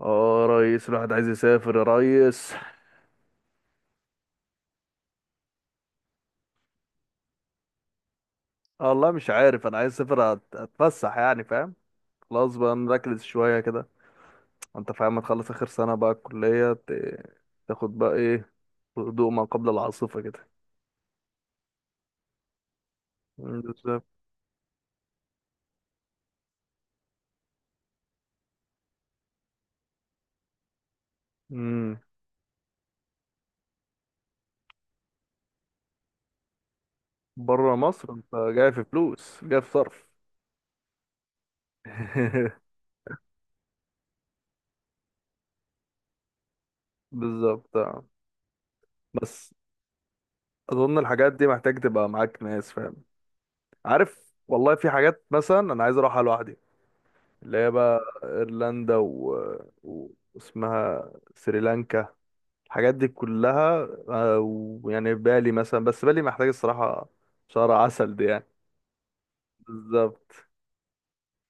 اه، يا ريس الواحد عايز يسافر يا ريس. آه، والله مش عارف. انا عايز اسافر اتفسح يعني فاهم. خلاص بقى نركز شوية كده. انت فاهم ما تخلص اخر سنة بقى الكلية تاخد بقى ايه. هدوء ما قبل العاصفة كده. مم، بالظبط. امم. بره مصر انت جاي في فلوس جاي في صرف. بالظبط آه. بس اظن الحاجات دي محتاج تبقى معاك ناس فاهم. عارف، والله في حاجات مثلا انا عايز اروحها لوحدي، اللي هي بقى ايرلندا و... واسمها سريلانكا. الحاجات دي كلها آه، ويعني بالي مثلا، بس بالي محتاج الصراحة شهر عسل دي يعني. بالظبط.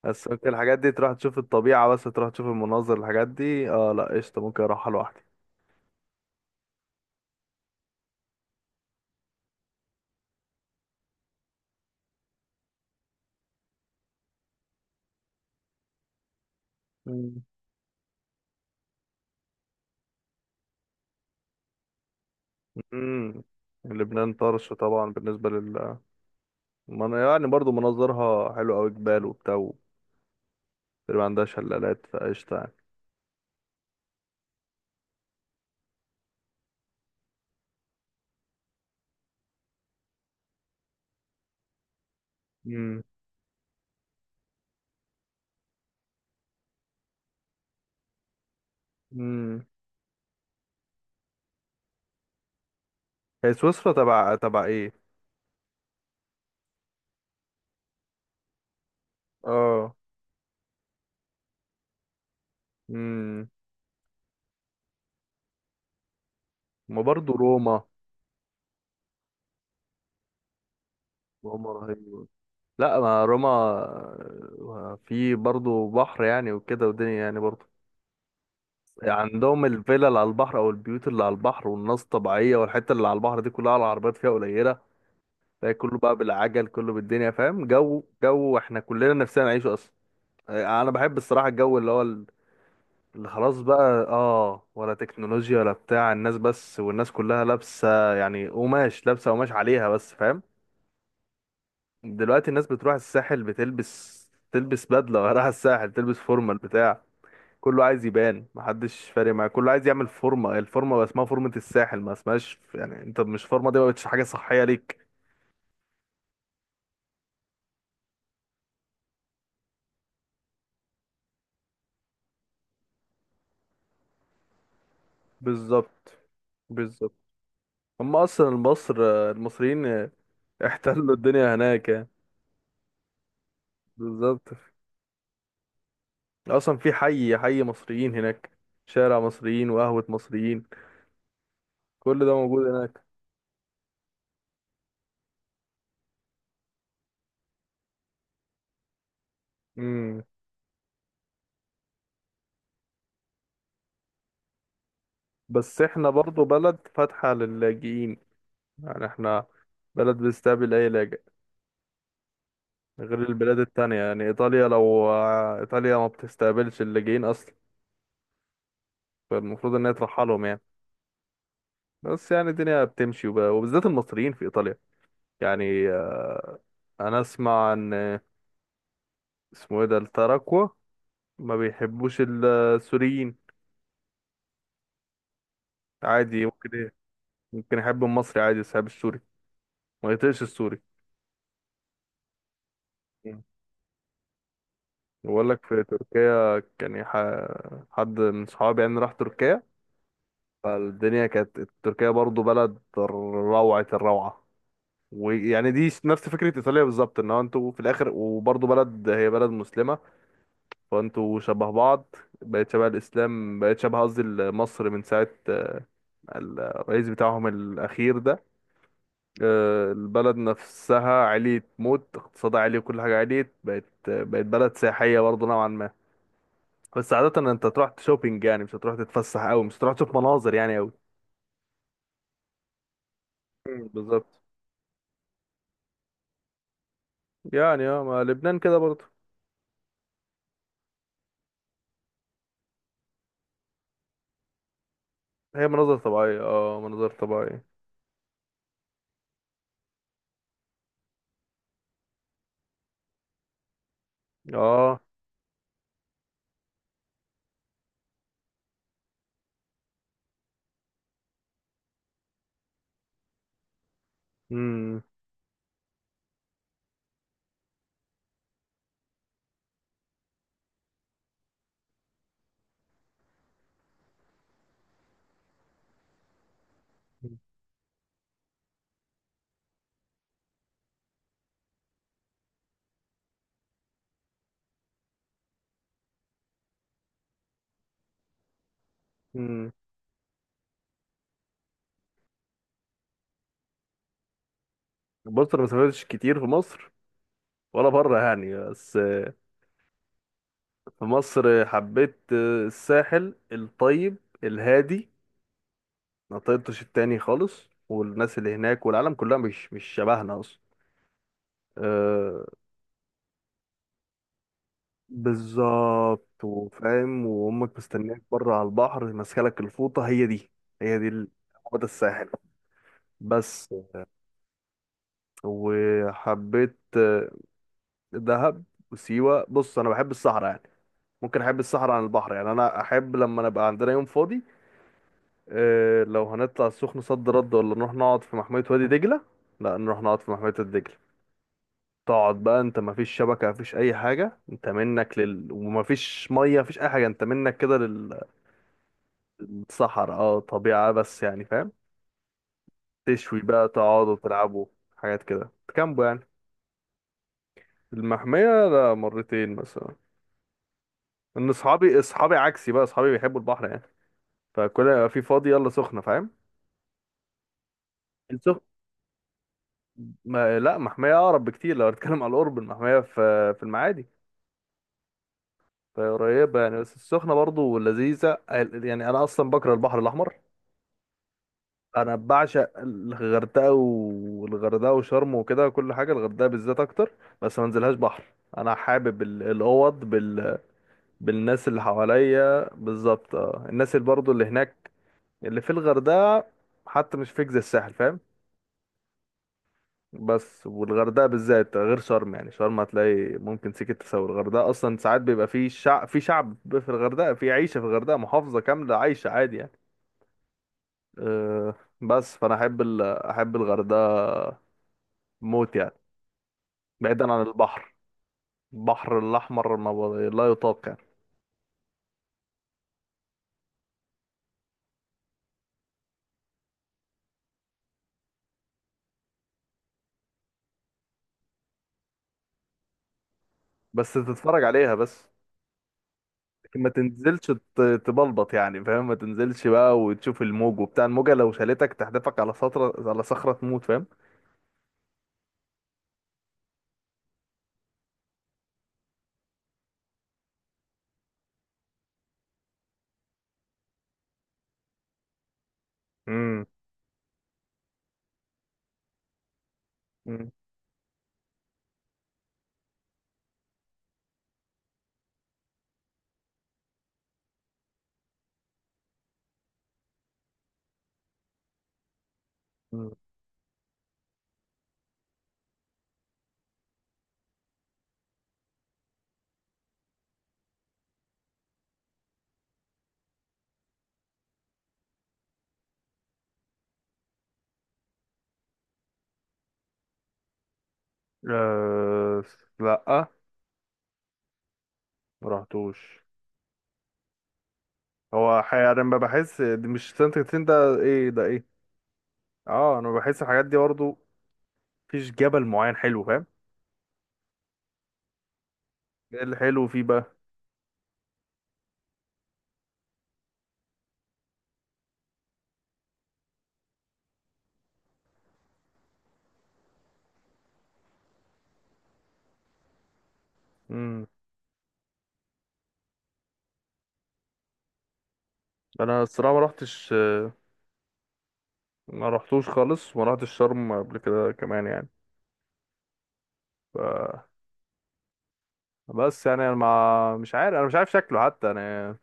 بس ممكن الحاجات دي تروح تشوف الطبيعة، بس تروح تشوف المناظر، الحاجات دي اه لا قشطة ممكن اروحها لوحدي. مم. امم. لبنان طرش طبعا بالنسبة لل، يعني برضو مناظرها حلو أوي، جبال وبتاع، وتقريبا عندها شلالات فقشطة يعني. امم. امم. هي سويسرا تبع ايه؟ اه. امم. ما برضه روما. روما رهيبة. لا ما روما. آه، في برضه بحر يعني وكده ودنيا يعني برضه. عندهم الفيلا اللي على البحر، او البيوت اللي على البحر، والناس طبيعية، والحتة اللي على البحر دي كلها العربيات فيها قليلة. فهي كله بقى بالعجل كله بالدنيا فاهم، جو جو احنا كلنا نفسنا نعيشه اصلا. آه، انا بحب الصراحة الجو اللي هو اللي خلاص بقى اه، ولا تكنولوجيا ولا بتاع الناس بس، والناس كلها لابسة يعني قماش، لابسة قماش عليها بس فاهم. دلوقتي الناس بتروح الساحل بتلبس بدلة، رايحة الساحل تلبس فورمال بتاع. كله عايز يبان محدش فارق معاه، كله عايز يعمل فورمة، الفورمة اسمها فورمة الساحل ما اسمهاش، يعني انت مش فورمة، دي ما بقتش حاجة صحية ليك. بالظبط. بالظبط. هم اصلا مصر، المصريين احتلوا الدنيا هناك يعني. بالظبط. اصلا في حي مصريين هناك، شارع مصريين وقهوة مصريين، كل ده موجود هناك. امم. بس احنا برضو بلد فاتحة للاجئين، يعني احنا بلد بتستقبل اي لاجئ، غير البلاد التانية، يعني ايطاليا، لو آه، ايطاليا ما بتستقبلش اللاجئين اصلا، فالمفروض ان هي ترحلهم يعني. بس يعني الدنيا بتمشي وبالذات المصريين في ايطاليا، يعني آه، انا اسمع ان اسمه ايه ده التراكوة ما بيحبوش السوريين. عادي ممكن ايه. ممكن يحب المصري عادي بس يحب السوري، ما يطيقش السوري. بقول لك في تركيا حد من صحابي يعني راح تركيا، فالدنيا كانت تركيا برضو بلد روعة الروعة. ويعني دي نفس فكرة إيطاليا بالظبط، إن هو أنتوا في الآخر، وبرضو بلد، هي بلد مسلمة، فأنتوا شبه بعض. بقت شبه الإسلام، بقت شبه قصدي مصر، من ساعة الرئيس بتاعهم الأخير ده آه، البلد نفسها عليت موت، اقتصادها عالي، وكل حاجة عليت، بقت بلد سياحية برضو نوعا ما. بس عادة أنت تروح تشوبينج يعني، مش هتروح تتفسح أوي، مش هتروح تشوف مناظر يعني أوي. مم. بالظبط. يعني اه ما لبنان كده برضه. هي مناظر طبيعية، اه مناظر طبيعية. اه. امم. امم. بص انا ما سافرتش كتير في مصر ولا بره يعني، بس آه، في مصر حبيت آه، الساحل الطيب الهادي. ما طيبتش التاني خالص، والناس اللي هناك والعالم كلها مش مش شبهنا اصلا. آه. بالظبط، وفاهم. وامك مستنياك بره على البحر ماسكه لك الفوطه، هي دي، هي دي هو ده الساحل بس. وحبيت آه، دهب وسيوة. بص انا بحب الصحراء يعني، ممكن احب الصحراء عن البحر يعني. انا احب لما نبقى عندنا يوم فاضي آه، لو هنطلع السخنة صد رد، ولا نروح نقعد في محمية وادي دجلة، لا نروح نقعد في محمية وادي دجلة. تقعد بقى انت مفيش شبكة مفيش اي حاجة انت منك لل، ومفيش مية مفيش اي حاجة انت منك كده للصحراء، اه طبيعة بس يعني فاهم. تشوي بقى تقعدوا تلعبوا حاجات كده تكامبوا يعني. المحمية، لا مرتين مثلا. ان اصحابي، اصحابي عكسي بقى، اصحابي بيحبوا البحر يعني، فكل ما يبقى في فاضي يلا سخنه فاهم. السخن، ما لا محميه اقرب بكتير، لو هنتكلم على القرب المحميه في المعادي، فقريبه يعني. بس السخنه برضو لذيذه يعني. انا اصلا بكره البحر الاحمر، انا بعشق الغردقه والغردقه وشرم وكده كل حاجه، الغردقه بالذات اكتر. بس ما انزلهاش بحر. انا حابب بالناس اللي حواليا، بالظبط اه، الناس اللي برضو اللي هناك اللي في الغردقه، حتى مش فيك زي الساحل فاهم. بس والغردقه بالذات غير شرم، يعني شرم هتلاقي ممكن سكه تسوي الغردقه اصلا، ساعات بيبقى في شعب، في شعب في الغردقه، في عيشه في الغردقه، محافظه كامله عايشه عادي يعني. أه. بس فانا احب احب الغردقه موت يعني، بعيدا عن البحر. البحر الاحمر ما ب- لا يطاق يعني. بس تتفرج عليها بس، لكن ما تنزلش تبلبط يعني فاهم، ما تنزلش بقى وتشوف الموج وبتاع، الموجه لو شالتك تحدفك على سطره على صخره تموت فاهم. امم. أه. لا، مرحتوش. هو حقيقة انا ما بحس دي مش سانت كاترين، ده ايه ده ايه. اه انا بحس الحاجات دي برضه مفيش جبل معين حلو فاهم. ايه الحلو فيه بقى؟ امم. انا الصراحة ما رحتش، ما رحتوش خالص، وما رحتش شرم قبل كده كمان يعني. ف... بس يعني انا ما مش عارف، انا مش عارف شكله حتى انا.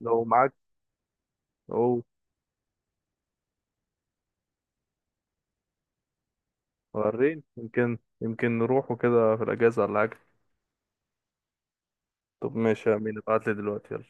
لو معاك او، وريني، يمكن نروح وكده في الاجازة ولا حاجة. طب ماشي يا امين ابعتلي دلوقتي يلا.